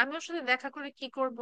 আমি ওর সাথে দেখা করে কি করব?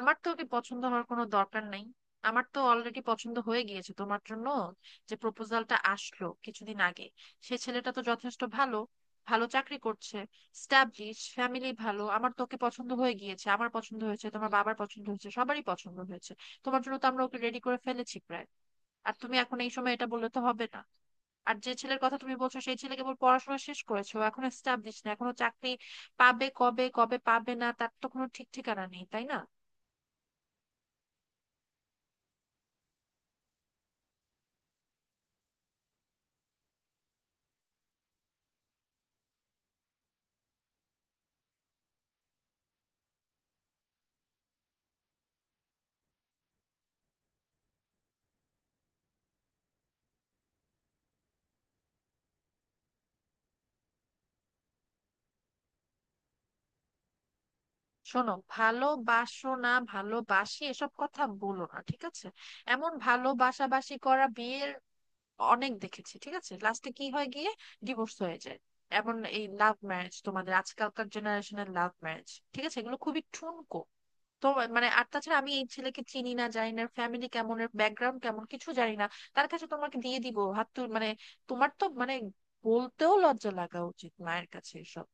আমার তো ওকে পছন্দ হওয়ার কোনো দরকার নাই। আমার তো অলরেডি পছন্দ হয়ে গিয়েছে তোমার জন্য। যে প্রপোজালটা আসলো কিছুদিন আগে, সে ছেলেটা তো যথেষ্ট ভালো, ভালো চাকরি করছে, স্টাবলিশ ফ্যামিলি ভালো। আমার তো ওকে পছন্দ হয়ে গিয়েছে, আমার পছন্দ হয়েছে, তোমার বাবার পছন্দ হয়েছে, সবারই পছন্দ হয়েছে। তোমার জন্য তো আমরা ওকে রেডি করে ফেলেছি প্রায়। আর তুমি এখন এই সময় এটা বললে তো হবে না। আর যে ছেলের কথা তুমি বলছো, সেই ছেলে কেবল পড়াশোনা শেষ করেছে, ও এখনো এস্টাবলিশ না, এখনো চাকরি পাবে কবে, কবে পাবে না তার তো কোনো ঠিক ঠিকানা নেই, তাই না? শোনো, ভালোবাসো না ভালোবাসি এসব কথা বলো না, ঠিক আছে? এমন ভালোবাসাবাসি করা বিয়ের অনেক দেখেছি, ঠিক আছে? লাস্টে কি হয় গিয়ে? ডিভোর্স হয়ে যায়। এমন এই লাভ ম্যারেজ, তোমাদের আজকালকার জেনারেশনের লাভ ম্যারেজ, ঠিক আছে, এগুলো খুবই ঠুনকো। তো মানে আর তাছাড়া আমি এই ছেলেকে চিনি না, জানি না ফ্যামিলি কেমন, এর ব্যাকগ্রাউন্ড কেমন কিছু জানি না। তার কাছে তোমাকে দিয়ে দিব, হাত তুল, মানে, তোমার তো মানে বলতেও লজ্জা লাগা উচিত, মায়ের কাছে এসব।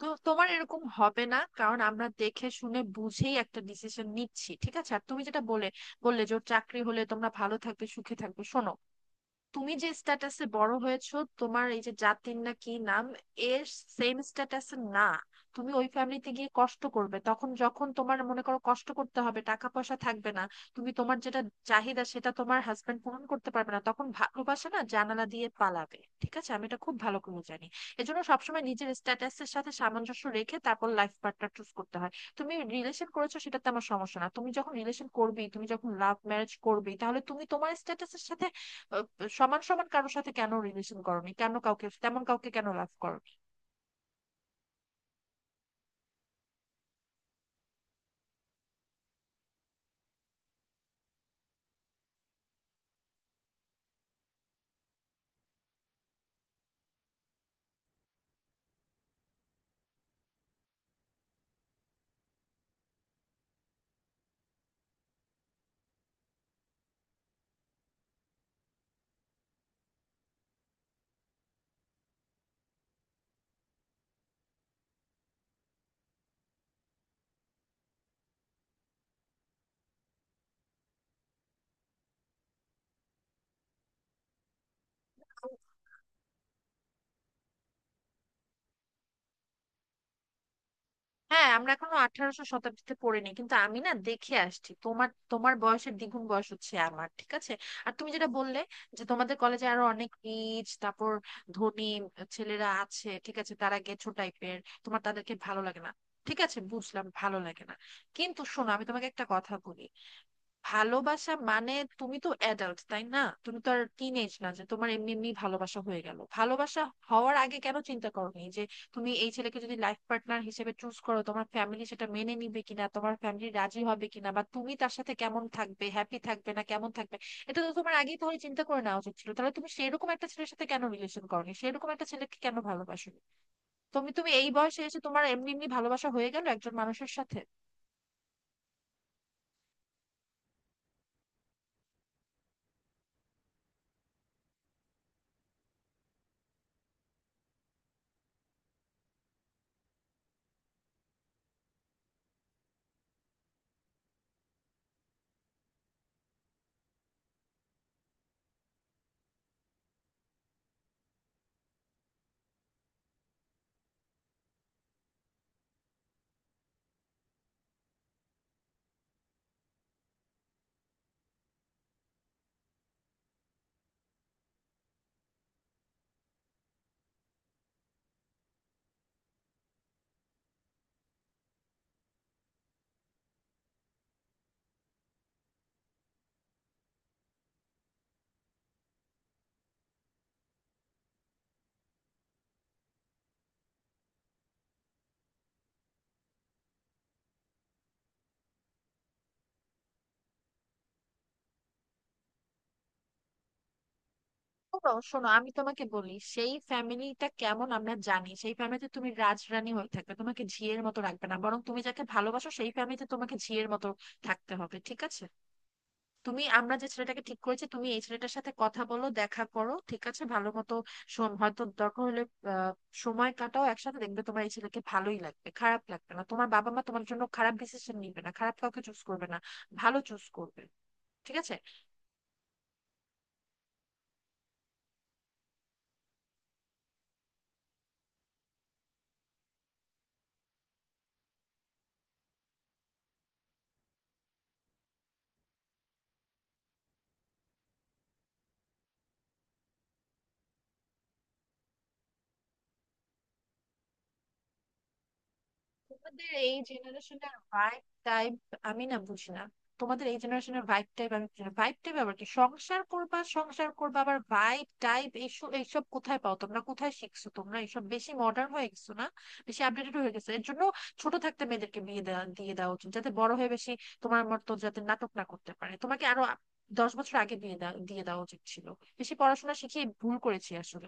তো তোমার এরকম হবে না, কারণ আমরা দেখে শুনে বুঝেই একটা ডিসিশন নিচ্ছি, ঠিক আছে? আর তুমি যেটা বললে যে ওর চাকরি হলে তোমরা ভালো থাকবে সুখে থাকবে, শোনো, তুমি যে স্ট্যাটাসে বড় হয়েছো, তোমার এই যে জাতির না কি নাম এর সেম স্ট্যাটাসে না। তুমি ওই ফ্যামিলিতে গিয়ে কষ্ট করবে তখন, যখন তোমার মনে করো কষ্ট করতে হবে, টাকা পয়সা থাকবে না, তুমি তোমার যেটা চাহিদা সেটা তোমার হাজবেন্ড পূরণ করতে পারবে না, তখন ভালোবাসা না জানালা দিয়ে পালাবে, ঠিক আছে? আমি এটা খুব ভালো করে জানি। এজন্য সবসময় নিজের স্ট্যাটাসের সাথে সামঞ্জস্য রেখে তারপর লাইফ পার্টনার চুজ করতে হয়। তুমি রিলেশন করেছো সেটাতে আমার সমস্যা না, তুমি যখন রিলেশন করবে, তুমি যখন লাভ ম্যারেজ করবে, তাহলে তুমি তোমার স্ট্যাটাসের সাথে আহ, সমান সমান কারোর সাথে কেন রিলেশন করনি? কেন কাউকে তেমন, কাউকে কেন লাভ করনি? হ্যাঁ, আমরা এখনো আঠারোশো শতাব্দীতে পড়িনি, কিন্তু আমি না দেখে আসছি, তোমার তোমার বয়সের দ্বিগুণ বয়স হচ্ছে আমার, ঠিক আছে? আর তুমি যেটা বললে যে তোমাদের কলেজে আরো অনেক রিচ, তারপর ধনী ছেলেরা আছে, ঠিক আছে, তারা গেছো টাইপের, তোমার তাদেরকে ভালো লাগে না, ঠিক আছে, বুঝলাম, ভালো লাগে না। কিন্তু শোনো, আমি তোমাকে একটা কথা বলি। ভালোবাসা মানে, তুমি তো অ্যাডাল্ট, তাই না? তুমি তো আর টিন এজ না যে তোমার এমনি এমনি ভালোবাসা হয়ে গেল। ভালোবাসা হওয়ার আগে কেন চিন্তা করোনি যে তুমি এই ছেলেকে যদি লাইফ পার্টনার হিসেবে চুজ করো, তোমার ফ্যামিলি সেটা মেনে নিবে কিনা, তোমার ফ্যামিলি রাজি হবে কিনা, বা তুমি তার সাথে কেমন থাকবে, হ্যাপি থাকবে না কেমন থাকবে? এটা তো তোমার আগেই তাহলে চিন্তা করে নেওয়া উচিত ছিল। তাহলে তুমি সেরকম একটা ছেলের সাথে কেন রিলেশন করোনি, সেরকম একটা ছেলেকে কেন ভালোবাসো? তুমি তুমি এই বয়সে এসে তোমার এমনি এমনি ভালোবাসা হয়ে গেল একজন মানুষের সাথে? শোনো শোনো, আমি তোমাকে বলি সেই ফ্যামিলিটা কেমন আমরা জানি। সেই ফ্যামিলিতে তুমি রাজরানী হয়ে থাকবে, তোমাকে ঝিয়ের মতো রাখবে না। বরং তুমি যাকে ভালোবাসো সেই ফ্যামিলিতে তোমাকে ঝিয়ের মতো থাকতে হবে, ঠিক আছে? তুমি আমরা যে ছেলেটাকে ঠিক করেছি, তুমি এই ছেলেটার সাথে কথা বলো, দেখা করো, ঠিক আছে, ভালো মতো হয়তো দরকার হলে আহ, সময় কাটাও একসাথে, দেখবে তোমার এই ছেলেকে ভালোই লাগবে, খারাপ লাগবে না। তোমার বাবা মা তোমার জন্য খারাপ ডিসিশন নিবে না, খারাপ কাউকে চুজ করবে না, ভালো চুজ করবে, ঠিক আছে? তোমাদের এই জেনারেশনের ভাইব টাইপ আমি না বুঝি না। তোমাদের এই জেনারেশনের ভাইব টাইপ আমি বুঝি না। ভাইব টাইপ আবার কি? সংসার করবা, সংসার করবা আবার ভাইব টাইপ, এইসব এইসব কোথায় পাও তোমরা, কোথায় শিখছো তোমরা, এইসব বেশি মডার্ন হয়ে গেছো না, বেশি আপডেটেড হয়ে গেছে। এর জন্য ছোট থাকতে মেয়েদেরকে বিয়ে দেওয়া, দিয়ে দেওয়া উচিত, যাতে বড় হয়ে বেশি তোমার মতো যাতে নাটক না করতে পারে। তোমাকে আরো 10 বছর আগে দিয়ে দেওয়া উচিত ছিল। বেশি পড়াশোনা শিখিয়ে ভুল করেছি আসলে।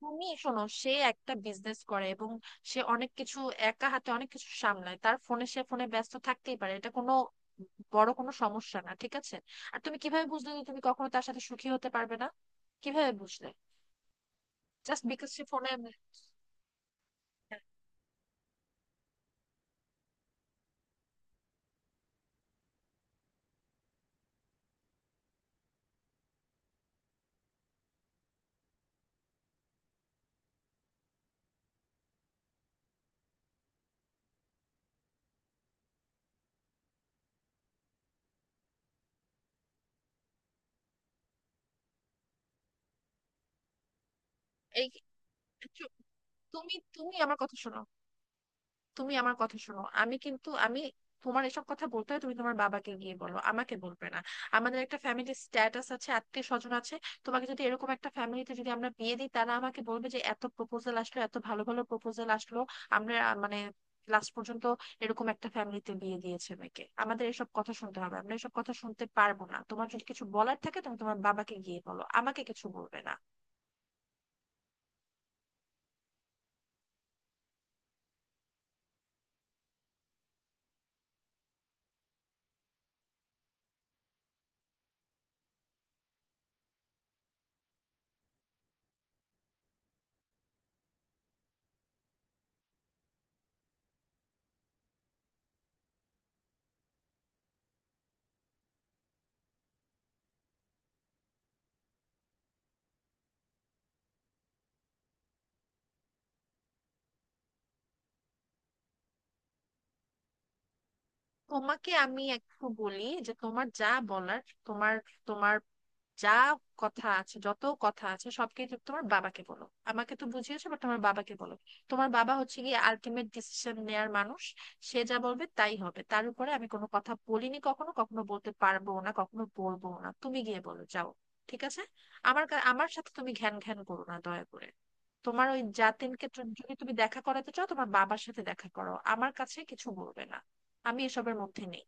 তুমি শোনো, সে একটা বিজনেস করে, এবং সে অনেক কিছু, একা হাতে অনেক কিছু সামলায়। তার ফোনে, সে ফোনে ব্যস্ত থাকতেই পারে, এটা কোনো বড় কোনো সমস্যা না, ঠিক আছে? আর তুমি কিভাবে বুঝলে যে তুমি কখনো তার সাথে সুখী হতে পারবে না, কিভাবে বুঝলে? জাস্ট বিকজ সে ফোনে? এই, চুপ, তুমি তুমি আমার কথা শোনো, তুমি আমার কথা শোনো। আমি কিন্তু আমি, তোমার এসব কথা বলতে হয় তুমি তোমার বাবাকে গিয়ে বলো, আমাকে বলবে না। আমাদের একটা ফ্যামিলির স্ট্যাটাস আছে, আত্মীয় স্বজন আছে। তোমাকে যদি এরকম একটা ফ্যামিলিতে যদি আমরা বিয়ে দিই, তারা আমাকে বলবে যে এত প্রপোজাল আসলো, এত ভালো ভালো প্রপোজাল আসলো, আমরা মানে লাস্ট পর্যন্ত এরকম একটা ফ্যামিলিতে বিয়ে দিয়েছে মেয়েকে, আমাদের এসব কথা শুনতে হবে, আমরা এসব কথা শুনতে পারবো না। তোমার যদি কিছু বলার থাকে তুমি তোমার বাবাকে গিয়ে বলো, আমাকে কিছু বলবে না। তোমাকে আমি একটু বলি যে তোমার যা বলার, তোমার তোমার যা কথা আছে, যত কথা আছে সবকিছু তোমার বাবাকে বলো। আমাকে তো বুঝিয়েছো, বাট তোমার বাবাকে বলো। তোমার বাবা হচ্ছে গিয়ে আলটিমেট ডিসিশন নেয়ার মানুষ, সে যা বলবে তাই হবে, তার উপরে আমি কোনো কথা বলিনি কখনো, কখনো বলতে পারবো না, কখনো বলবো না। তুমি গিয়ে বলো, যাও, ঠিক আছে? আমার সাথে তুমি ঘ্যান ঘ্যান করো না, দয়া করে। তোমার ওই জাতিনকে যদি তুমি দেখা করাতে চাও, তোমার বাবার সাথে দেখা করো, আমার কাছে কিছু বলবে না। আমি এসবের মধ্যে নেই।